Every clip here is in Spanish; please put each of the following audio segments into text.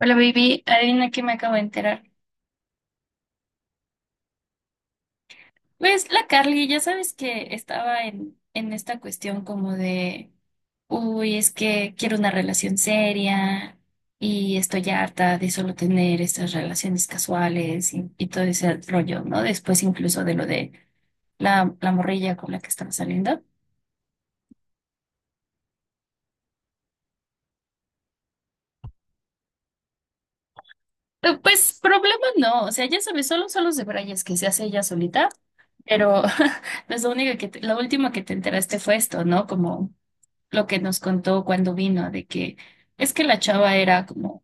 Hola, baby. Adivina que me acabo de enterar. Pues la Carly, ya sabes que estaba en esta cuestión como de, uy, es que quiero una relación seria y estoy harta de solo tener estas relaciones casuales y todo ese rollo, ¿no? Después incluso de lo de la morrilla con la que estaba saliendo. Pues problema no, o sea, ya sabes, solo son los de Brayes que se hace ella solita, pero pues lo único que lo último que te enteraste fue esto, ¿no? Como lo que nos contó cuando vino, de que es que la chava era como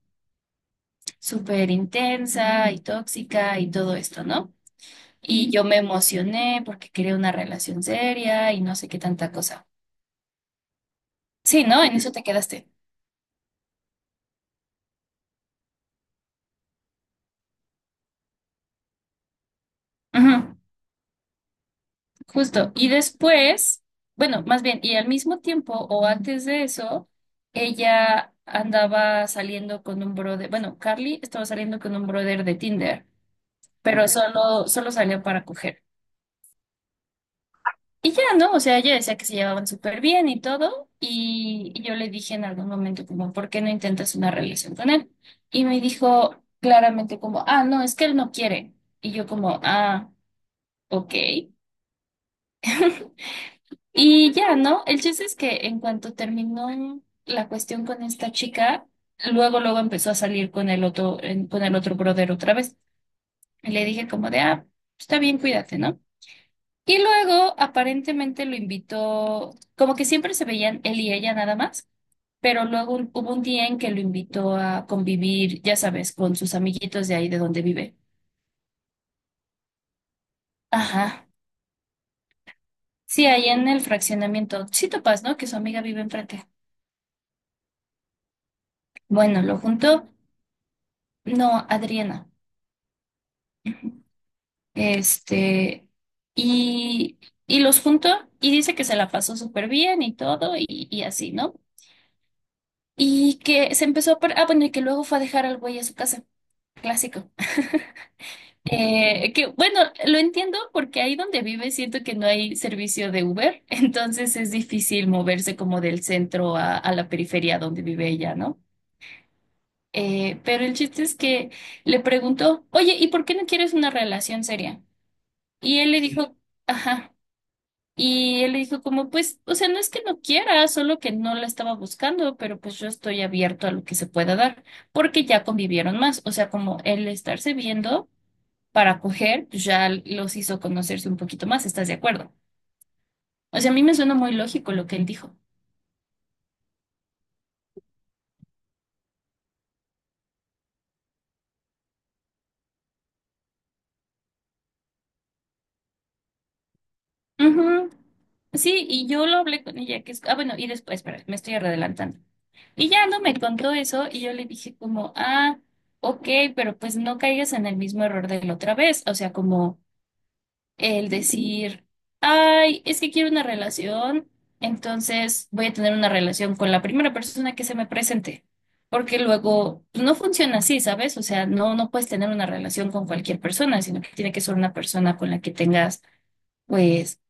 súper intensa y tóxica y todo esto, ¿no? Y yo me emocioné porque quería una relación seria y no sé qué tanta cosa. Sí, ¿no? En eso te quedaste. Ujú, justo. Y después, bueno, más bien, y al mismo tiempo o antes de eso, ella andaba saliendo con un brother, bueno, Carly estaba saliendo con un brother de Tinder, pero solo salió para coger. Y ya, ¿no? O sea, ella decía que se llevaban súper bien y todo, y yo le dije en algún momento como, ¿por qué no intentas una relación con él? Y me dijo claramente como, ah, no, es que él no quiere. Y yo como, ah, ok. Y ya, ¿no? El chiste es que en cuanto terminó la cuestión con esta chica, luego, luego empezó a salir con el otro, con el otro brother otra vez. Y le dije como de, ah, está bien, cuídate, ¿no? Y luego aparentemente lo invitó, como que siempre se veían él y ella nada más, pero luego hubo un día en que lo invitó a convivir, ya sabes, con sus amiguitos de ahí de donde vive. Ajá. Sí, ahí en el fraccionamiento. Sí topas, ¿no? Que su amiga vive enfrente. Bueno, lo juntó, no, Adriana. Este, y, y los juntó y dice que se la pasó súper bien y todo y así, ¿no? Y que se empezó a... par- Ah, bueno, y que luego fue a dejar al güey a su casa. Clásico. Que bueno, lo entiendo porque ahí donde vive siento que no hay servicio de Uber, entonces es difícil moverse como del centro a la periferia donde vive ella, ¿no? Pero el chiste es que le preguntó, oye, ¿y por qué no quieres una relación seria? Y él le dijo, ajá, y él le dijo como, pues, o sea, no es que no quiera, solo que no la estaba buscando, pero pues yo estoy abierto a lo que se pueda dar, porque ya convivieron más, o sea, como él estarse viendo para coger, pues ya los hizo conocerse un poquito más, ¿estás de acuerdo? O sea, a mí me suena muy lógico lo que él dijo. Ujú. Sí, y yo lo hablé con ella, que es, ah, bueno, y después, espera, me estoy adelantando. Y ya no me contó eso y yo le dije como, ah, ok, pero pues no caigas en el mismo error de la otra vez, o sea, como el decir, ay, es que quiero una relación, entonces voy a tener una relación con la primera persona que se me presente. Porque luego pues, no funciona así, ¿sabes? O sea, no, no puedes tener una relación con cualquier persona, sino que tiene que ser una persona con la que tengas, pues,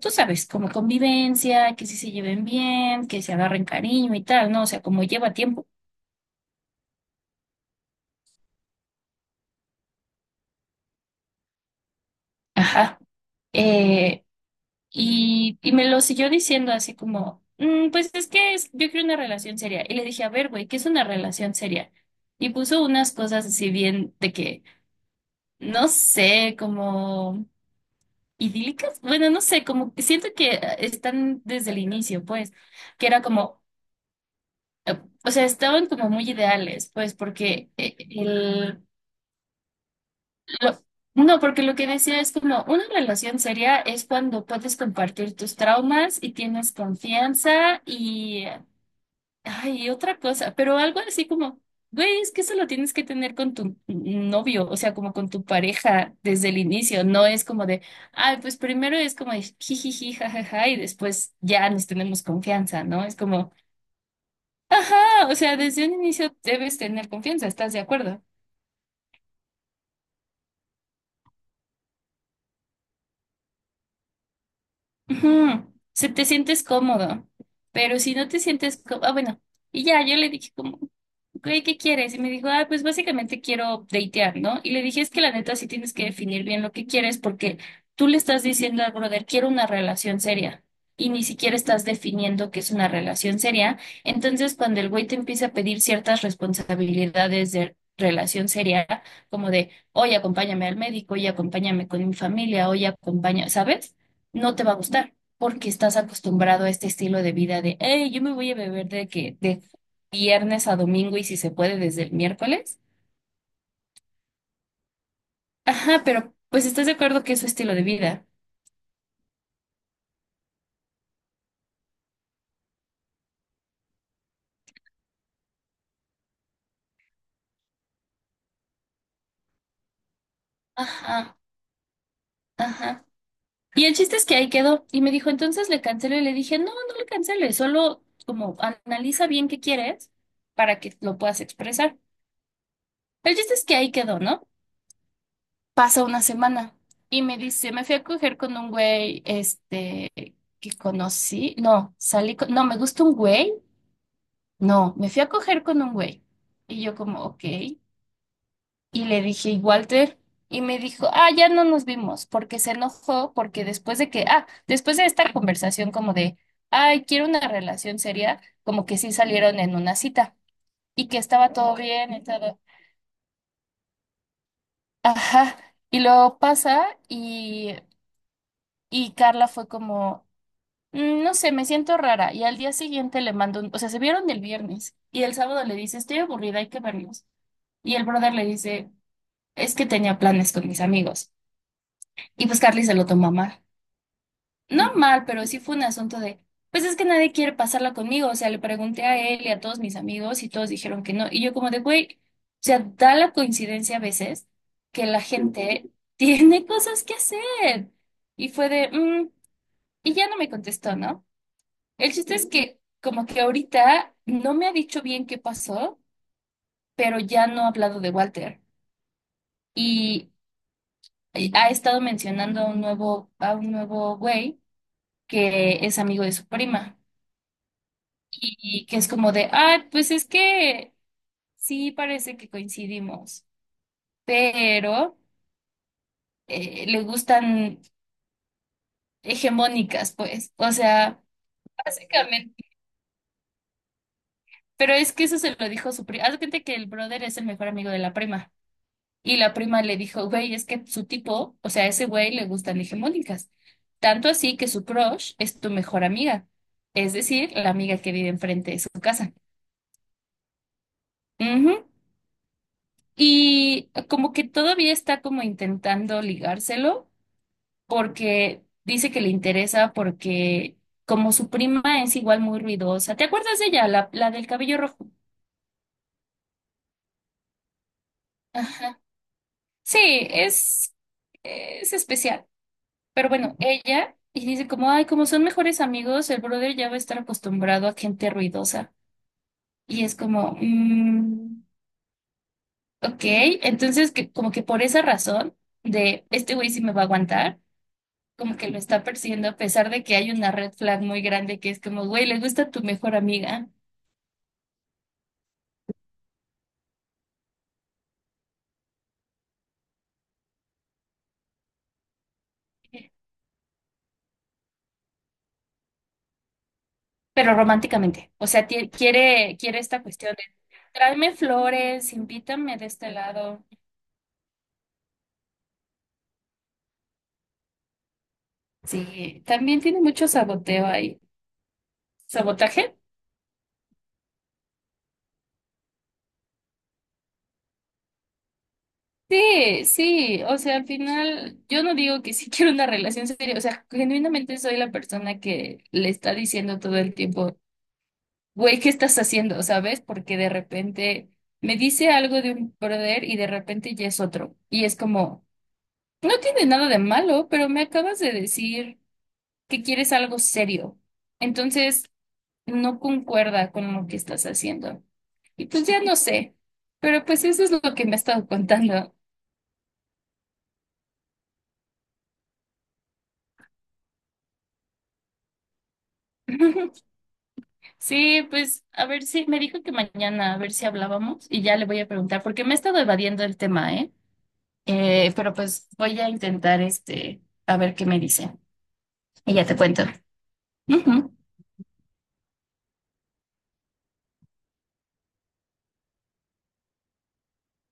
tú sabes, como convivencia, que sí se lleven bien, que se agarren cariño y tal, ¿no? O sea, como lleva tiempo. Ajá. Eh, y me lo siguió diciendo así como, "Mm, pues es que es- yo quiero una relación seria". Y le dije, a ver, güey, ¿qué es una relación seria? Y puso unas cosas así bien de que, no sé, como idílicas. Bueno, no sé, como que siento que están desde el inicio, pues, que era como, o sea, estaban como muy ideales, pues, porque el... lo- no, porque lo que decía es como una relación seria es cuando puedes compartir tus traumas y tienes confianza y ay, otra cosa, pero algo así como, güey, es que eso lo tienes que tener con tu novio, o sea, como con tu pareja desde el inicio, no es como de, ay, pues primero es como de jijiji, jajaja, y después ya nos tenemos confianza, ¿no? Es como, ajá, o sea, desde un inicio debes tener confianza, ¿estás de acuerdo? Ujú. Se te sientes cómodo, pero si no te sientes cómodo, ah, bueno, y ya, yo le dije como, güey, ¿qué quieres? Y me dijo, ah, pues básicamente quiero datear, ¿no? Y le dije, es que la neta sí tienes que definir bien lo que quieres porque tú le estás diciendo al brother, quiero una relación seria y ni siquiera estás definiendo qué es una relación seria. Entonces, cuando el güey te empieza a pedir ciertas responsabilidades de relación seria, como de, oye, acompáñame al médico, oye, acompáñame con mi familia, oye, acompáñame, ¿sabes? No te va a gustar, porque estás acostumbrado a este estilo de vida de, hey, yo me voy a beber de que de viernes a domingo y si se puede desde el miércoles. Ajá, pero pues estás de acuerdo que es su estilo de vida. Ajá, ajá. Y el chiste es que ahí quedó y me dijo, entonces le cancelo y le dije, no, no le canceles, solo como analiza bien qué quieres para que lo puedas expresar. El chiste es que ahí quedó, ¿no? Pasa una semana y me dice, me fui a coger con un güey, este, que conocí, no, salí con, no, me gusta un güey, no, me fui a coger con un güey. Y yo como, ok. Y le dije, ¿y Walter? Y me dijo, ah, ya no nos vimos, porque se enojó, porque después de que, ah, después de esta conversación como de, ay, quiero una relación seria, como que sí salieron en una cita y que estaba todo bien y todo. Ajá. Y luego pasa y Carla fue como, "Mm, no sé, me siento rara". Y al día siguiente le mando un, o sea, se vieron el viernes y el sábado le dice, estoy aburrida, hay que vernos. Y el brother le dice, es que tenía planes con mis amigos. Y pues Carly se lo tomó mal. No mal, pero sí fue un asunto de, pues es que nadie quiere pasarla conmigo. O sea, le pregunté a él y a todos mis amigos y todos dijeron que no. Y yo como de, güey, o sea, da la coincidencia a veces que la gente tiene cosas que hacer. Y fue de, "Mm", y ya no me contestó, ¿no? El chiste es que como que ahorita no me ha dicho bien qué pasó, pero ya no ha hablado de Walter. Y ha estado mencionando a un nuevo güey que es amigo de su prima. Y que es como de, ah, pues es que sí parece que coincidimos, pero le gustan hegemónicas, pues. O sea, básicamente, pero es que eso se lo dijo su prima. Haz de cuenta que el brother es el mejor amigo de la prima. Y la prima le dijo, güey, es que su tipo, o sea, a ese güey le gustan hegemónicas. Tanto así que su crush es tu mejor amiga, es decir, la amiga que vive enfrente de su casa. Ujú. Y como que todavía está como intentando ligárselo, porque dice que le interesa porque como su prima es igual muy ruidosa. ¿Te acuerdas de ella, la del cabello rojo? Ajá. Sí, es, es especial. Pero bueno, ella y dice como, ay, como son mejores amigos, el brother ya va a estar acostumbrado a gente ruidosa. Y es como, mm, ok, entonces que, como que por esa razón de este güey sí me va a aguantar. Como que lo está persiguiendo a pesar de que hay una red flag muy grande que es como, güey, le gusta tu mejor amiga. Pero románticamente. O sea, tie- quiere esta cuestión de tráeme flores, invítame de este lado. Sí, también tiene mucho saboteo ahí. ¿Sabotaje? Sí, sí. O sea, al final, yo no digo que sí quiero una relación seria. O sea, genuinamente soy la persona que le está diciendo todo el tiempo, güey, ¿qué estás haciendo? ¿Sabes? Porque de repente me dice algo de un brother y de repente ya es otro. Y es como, no tiene nada de malo, pero me acabas de decir que quieres algo serio. Entonces, no concuerda con lo que estás haciendo. Y pues ya no sé, pero pues eso es lo que me ha estado contando. Sí, pues a ver si me dijo que mañana a ver si hablábamos y ya le voy a preguntar porque me he estado evadiendo el tema, ¿eh? Pero pues voy a intentar este a ver qué me dice y ya te cuento. Ujú.